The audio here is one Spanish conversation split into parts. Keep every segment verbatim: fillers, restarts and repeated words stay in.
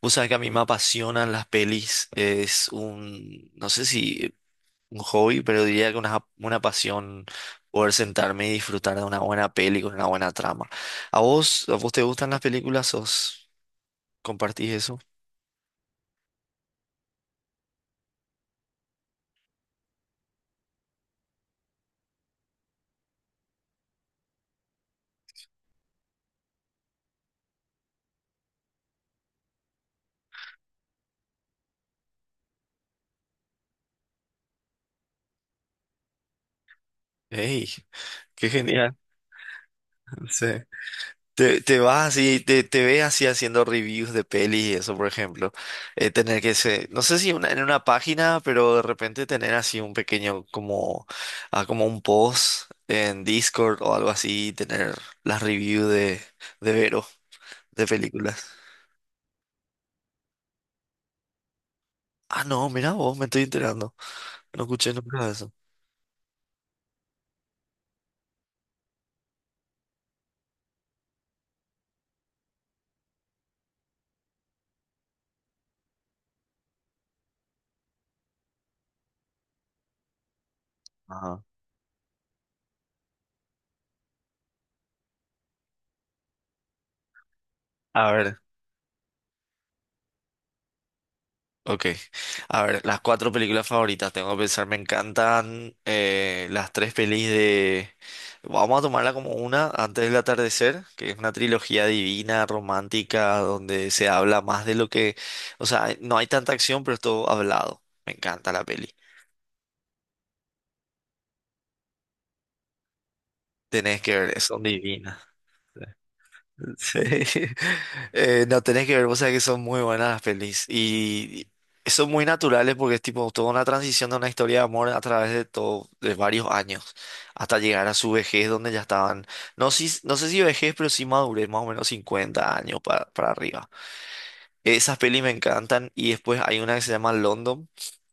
Vos sabés que a mí me apasionan las pelis, es un, no sé si un hobby, pero diría que una, una pasión poder sentarme y disfrutar de una buena peli con una buena trama. ¿A vos, a vos te gustan las películas? ¿Os compartís eso? ¡Ey! ¡Qué genial! Sí. Te, te vas así, te, te ves así haciendo reviews de pelis y eso, por ejemplo. Eh, tener que ser, no sé si una- en una página, pero de repente tener así un pequeño, como, ah, como un post en Discord o algo así, tener las reviews de, de Vero, de películas. Ah, no, mira vos, me estoy enterando. No escuché nunca de eso. Ajá. A ver. Ok, a ver, las cuatro películas favoritas, tengo que pensar, me encantan eh, las tres pelis de... Vamos a tomarla como una, Antes del atardecer, que es una trilogía divina, romántica, donde se habla más de lo que... O sea, no hay tanta acción, pero es todo hablado. Me encanta la peli. Tenés que ver, son divinas. Sí. Eh, no, tenés que ver, vos sabés que son muy buenas las pelis y y son muy naturales porque es tipo toda una transición de una historia de amor a través de todo, de varios años, hasta llegar a su vejez donde ya estaban, no, si, no sé si vejez, pero sí madurez, más o menos cincuenta años para, para arriba. Esas pelis me encantan y después hay una que se llama London.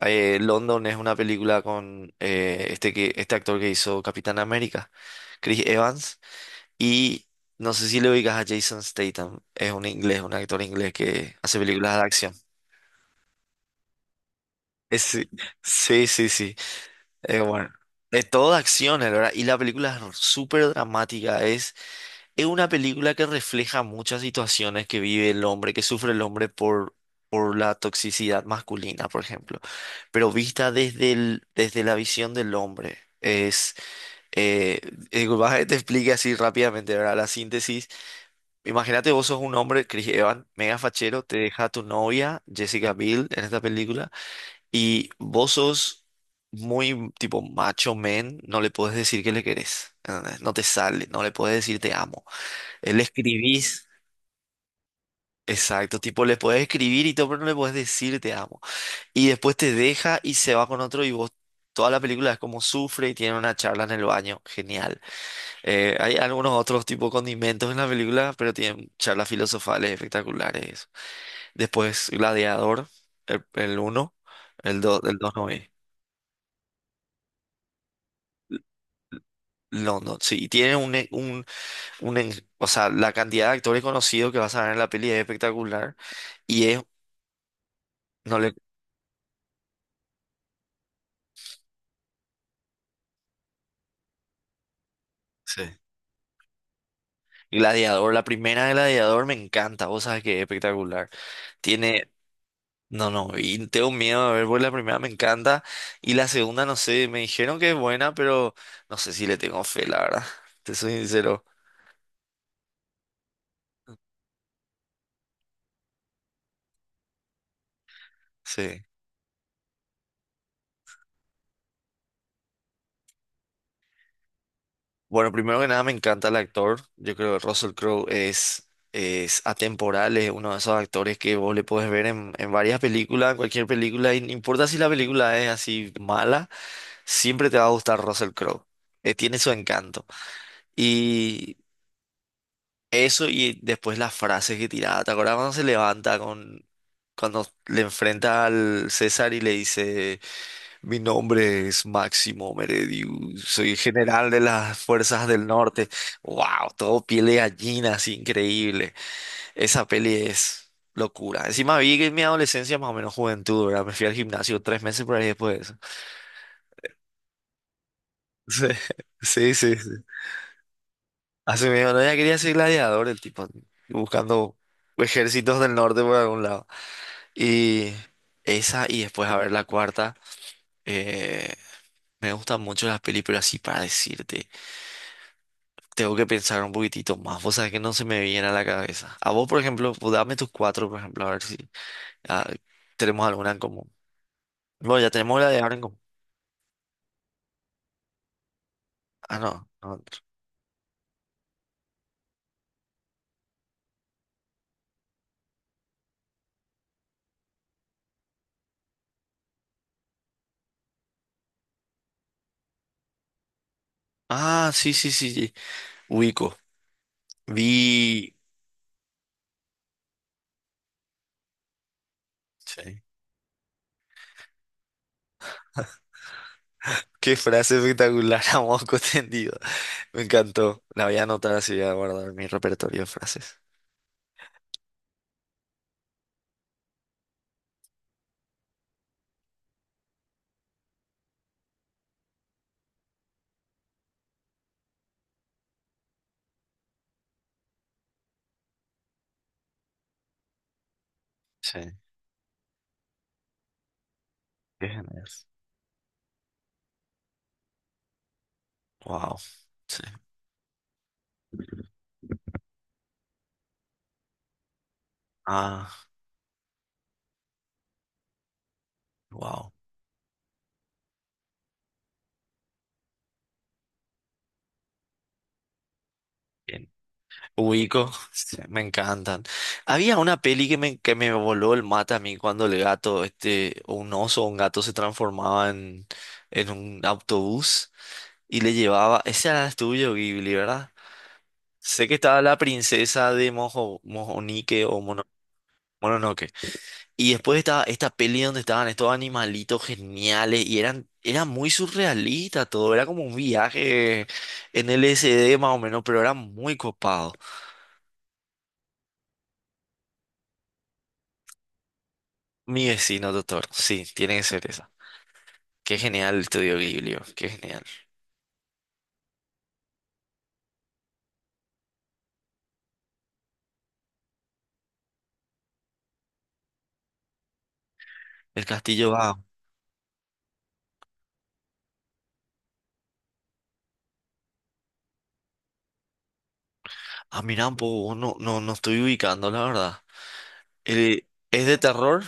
Eh, London es una película con eh, este, que, este actor que hizo Capitán América, Chris Evans. Y no sé si le oigas a Jason Statham, es un inglés, un actor inglés que hace películas de acción. Es- sí, sí, sí. sí. Eh, bueno, de todo de acción, la verdad. Y la película es súper dramática. Es, es una película que refleja muchas situaciones que vive el hombre, que sufre el hombre por, por la toxicidad masculina, por ejemplo. Pero vista desde el, desde la visión del hombre. Es, eh, eh, vas a- te explique así rápidamente, ¿verdad? La síntesis. Imagínate, vos sos un hombre, Chris Evans, mega fachero, te deja tu novia, Jessica Biel, en esta película, y vos sos muy tipo macho men, no le puedes decir que le querés, ¿entendés? No te sale, no le puedes decir te amo. Él Le escribís, exacto, tipo le puedes escribir y todo, pero no le puedes decir te amo. Y después te deja y se va con otro y vos, toda la película es como sufre y tiene una charla en el baño, genial. Eh, hay algunos otros tipo condimentos en la película, pero tienen charlas filosofales espectaculares. Después Gladiador, el, el uno, el dos, el dos no vi. No, no, sí, y tiene un, e- un, un en- o sea, la cantidad de actores conocidos que vas a ver en la peli es espectacular y es, no le, sí. Gladiador, la primera de Gladiador me encanta, vos sabes que es espectacular. Tiene, no, no, y tengo miedo de ver, pues la primera me encanta y la segunda, no sé, me dijeron que es buena, pero no sé si le tengo fe, la verdad, te soy sincero, sí. Bueno, primero que nada me encanta el actor. Yo creo que Russell Crowe es, es atemporal, es uno de esos actores que vos le podés ver en, en varias películas, en cualquier película, y no importa si la película es así mala, siempre te va a gustar Russell Crowe. Eh, tiene su encanto. Y eso y después las frases que tiraba. ¿Te acuerdas cuando se levanta con, cuando le enfrenta al César y le dice... Mi nombre es Máximo Meredius, soy general de las Fuerzas del Norte. ¡Wow! Todo piel de gallina, así increíble. Esa peli es locura. Encima vi que en mi adolescencia, más o menos juventud, ¿verdad? Me fui al gimnasio tres meses por ahí después de eso. Sí, sí, sí. sí. Hace medio no, ya quería ser gladiador el tipo, buscando ejércitos del norte por algún lado. Y esa, y después a ver la cuarta. Eh, me gustan mucho las películas, así para decirte. Tengo que pensar un poquitito más. Vos sabés que no se me viene a la cabeza. A vos, por ejemplo, pues, dame tus cuatro, por ejemplo, a ver si ah, tenemos alguna en común. Bueno, ya tenemos la de ahora en común. Ah, no. no. no. Ah, sí, sí, sí, sí. Ubico. Vi. Sí. Qué frase espectacular, a moco tendido. Me encantó. La voy a anotar así, voy a guardar en mi repertorio de frases. Sí. Qué genial. Wow. Sí. Ah, wow. Ubico, me encantan. Había una peli que me, que me voló el mate a mí cuando el gato, este, o un oso o un gato se transformaba en, en un autobús y le llevaba. Ese era el tuyo, Ghibli, ¿verdad? Sé que estaba la princesa de Mojo, Mojonique o Mono, Mononoke. Y después estaba esta peli donde estaban estos animalitos geniales y eran, era muy surrealista todo. Era como un viaje en L S D más o menos, pero era muy copado. Mi vecino, doctor. Sí, tiene que ser esa. Qué genial el estudio Ghibli, oh, qué genial. El castillo va. Ah, mirá, un poco, no, no, no estoy ubicando, la verdad. El- ¿es de terror?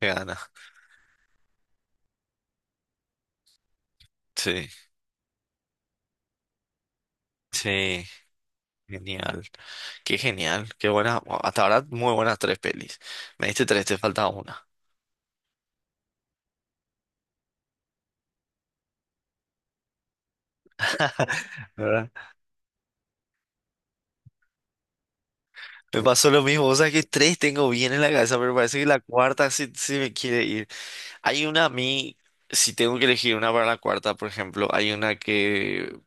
Se gana. Sí, sí, genial. Qué genial, qué buena. Bueno, hasta ahora, muy buenas tres pelis. Me diste tres, te falta una. ¿Verdad? Me pasó lo mismo, o sea que tres tengo bien en la cabeza, pero parece que la cuarta sí, sí me quiere ir. Hay una a mí, si tengo que elegir una para la cuarta, por ejemplo, hay una que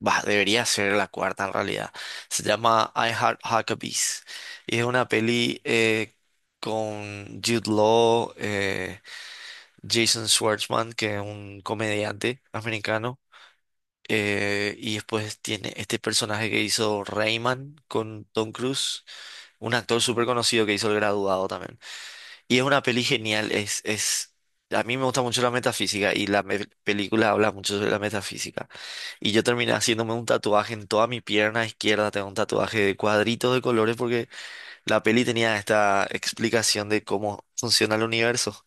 Bah, debería ser la cuarta en realidad. Se llama I Heart Huckabees. Y es una peli eh, con Jude Law, eh, Jason Schwartzman, que es un comediante americano. eh, y después tiene este personaje que hizo Rayman con Tom Cruise, un actor súper conocido que hizo El Graduado también. Y es una peli genial, es, es, a mí me gusta mucho la metafísica y la me- película habla mucho sobre la metafísica. Y yo terminé haciéndome un tatuaje en toda mi pierna izquierda, tengo un tatuaje de cuadritos de colores porque la peli tenía esta explicación de cómo funciona el universo.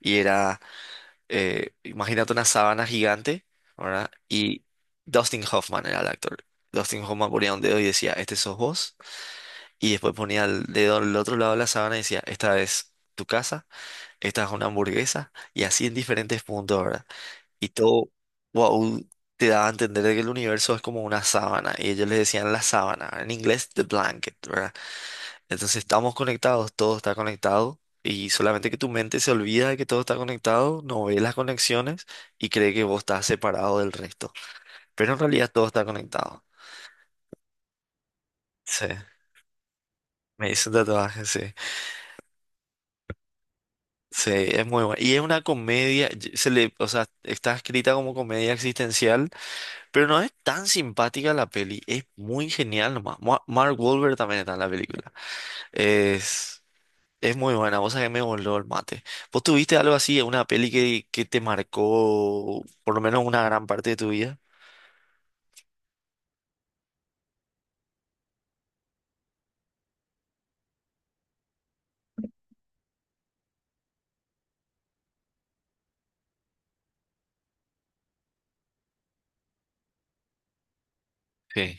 Y era, eh, imagínate una sábana gigante, ¿verdad? Y Dustin Hoffman era el actor. Dustin Hoffman ponía un dedo y decía, este sos vos. Y después ponía el dedo al otro lado de la sábana y decía, esta es tu casa, esta es una hamburguesa, y así en diferentes puntos, ¿verdad? Y todo, wow, te daba a entender de que el universo es como una sábana, y ellos les decían la sábana, en inglés the blanket, ¿verdad? Entonces estamos conectados, todo está conectado, y solamente que tu mente se olvida de que todo está conectado, no ve las conexiones y cree que vos estás separado del resto, pero en realidad todo está conectado. Sí. Me hice un tatuaje, sí. Sí, es muy bueno. Y es una comedia, y- se le, o sea, está escrita como comedia existencial, pero no es tan simpática la peli, es muy genial nomás. Ma- Mark Wahlberg también está en la película. Es, es muy buena, vos sabés que me voló el mate. ¿Vos tuviste algo así, una peli que, que te marcó por lo menos una gran parte de tu vida? Sí.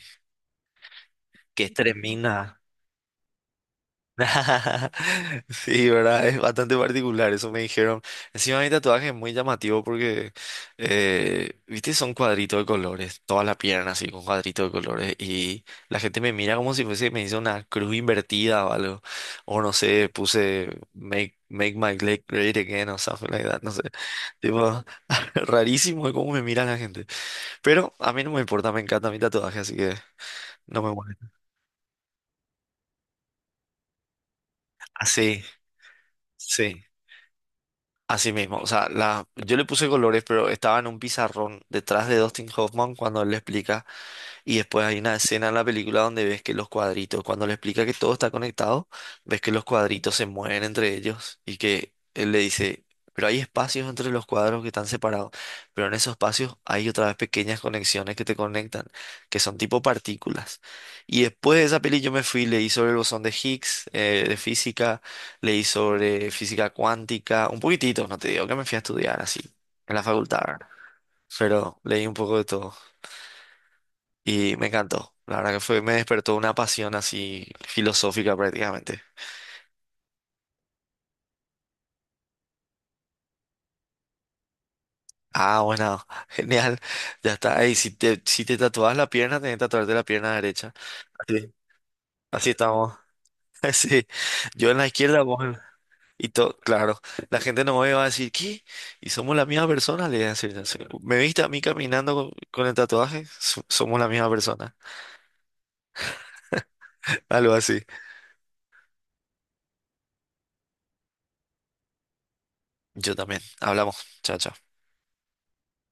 Que es tremenda. Sí, ¿verdad? Es bastante particular, eso me dijeron. Encima mi tatuaje es muy llamativo porque, eh, viste, son cuadritos de colores, toda la pierna así con cuadritos de colores y la gente me mira como si fuese, me hizo una cruz invertida o algo, o no sé, puse make, make my leg great again o something like that, no sé. Tipo, rarísimo de cómo me mira la gente. Pero a mí no me importa, me encanta mi tatuaje, así que no me molesta. Así, sí. sí. Así mismo, o sea, la, yo le puse colores, pero estaba en un pizarrón detrás de Dustin Hoffman cuando él le explica. Y después hay una escena en la película donde ves que los cuadritos, cuando le explica que todo está conectado, ves que los cuadritos se mueven entre ellos y que él le dice, pero hay espacios entre los cuadros que están separados, pero en esos espacios hay otra vez pequeñas conexiones que te conectan, que son tipo partículas. Y después de esa peli yo me fui, leí sobre el bosón de Higgs, eh, de física, leí sobre física cuántica, un poquitito, no te digo que me fui a estudiar así, en la facultad, ¿verdad? Pero leí un poco de todo. Y me encantó. La verdad que fue, me despertó una pasión así filosófica prácticamente. Ah, bueno, genial. Ya está. Ey, si te, si te tatuabas la pierna, tenés que tatuarte la pierna derecha. Así, así estamos. Sí. Yo en la izquierda, vos en- Y todo, claro. La gente no me va a decir, ¿qué? ¿Y somos la misma persona? Le voy a decir, "Sí. ¿Me viste a mí caminando con, con el tatuaje? So- somos la misma persona. Algo así. Yo también. Hablamos. Chao, chao.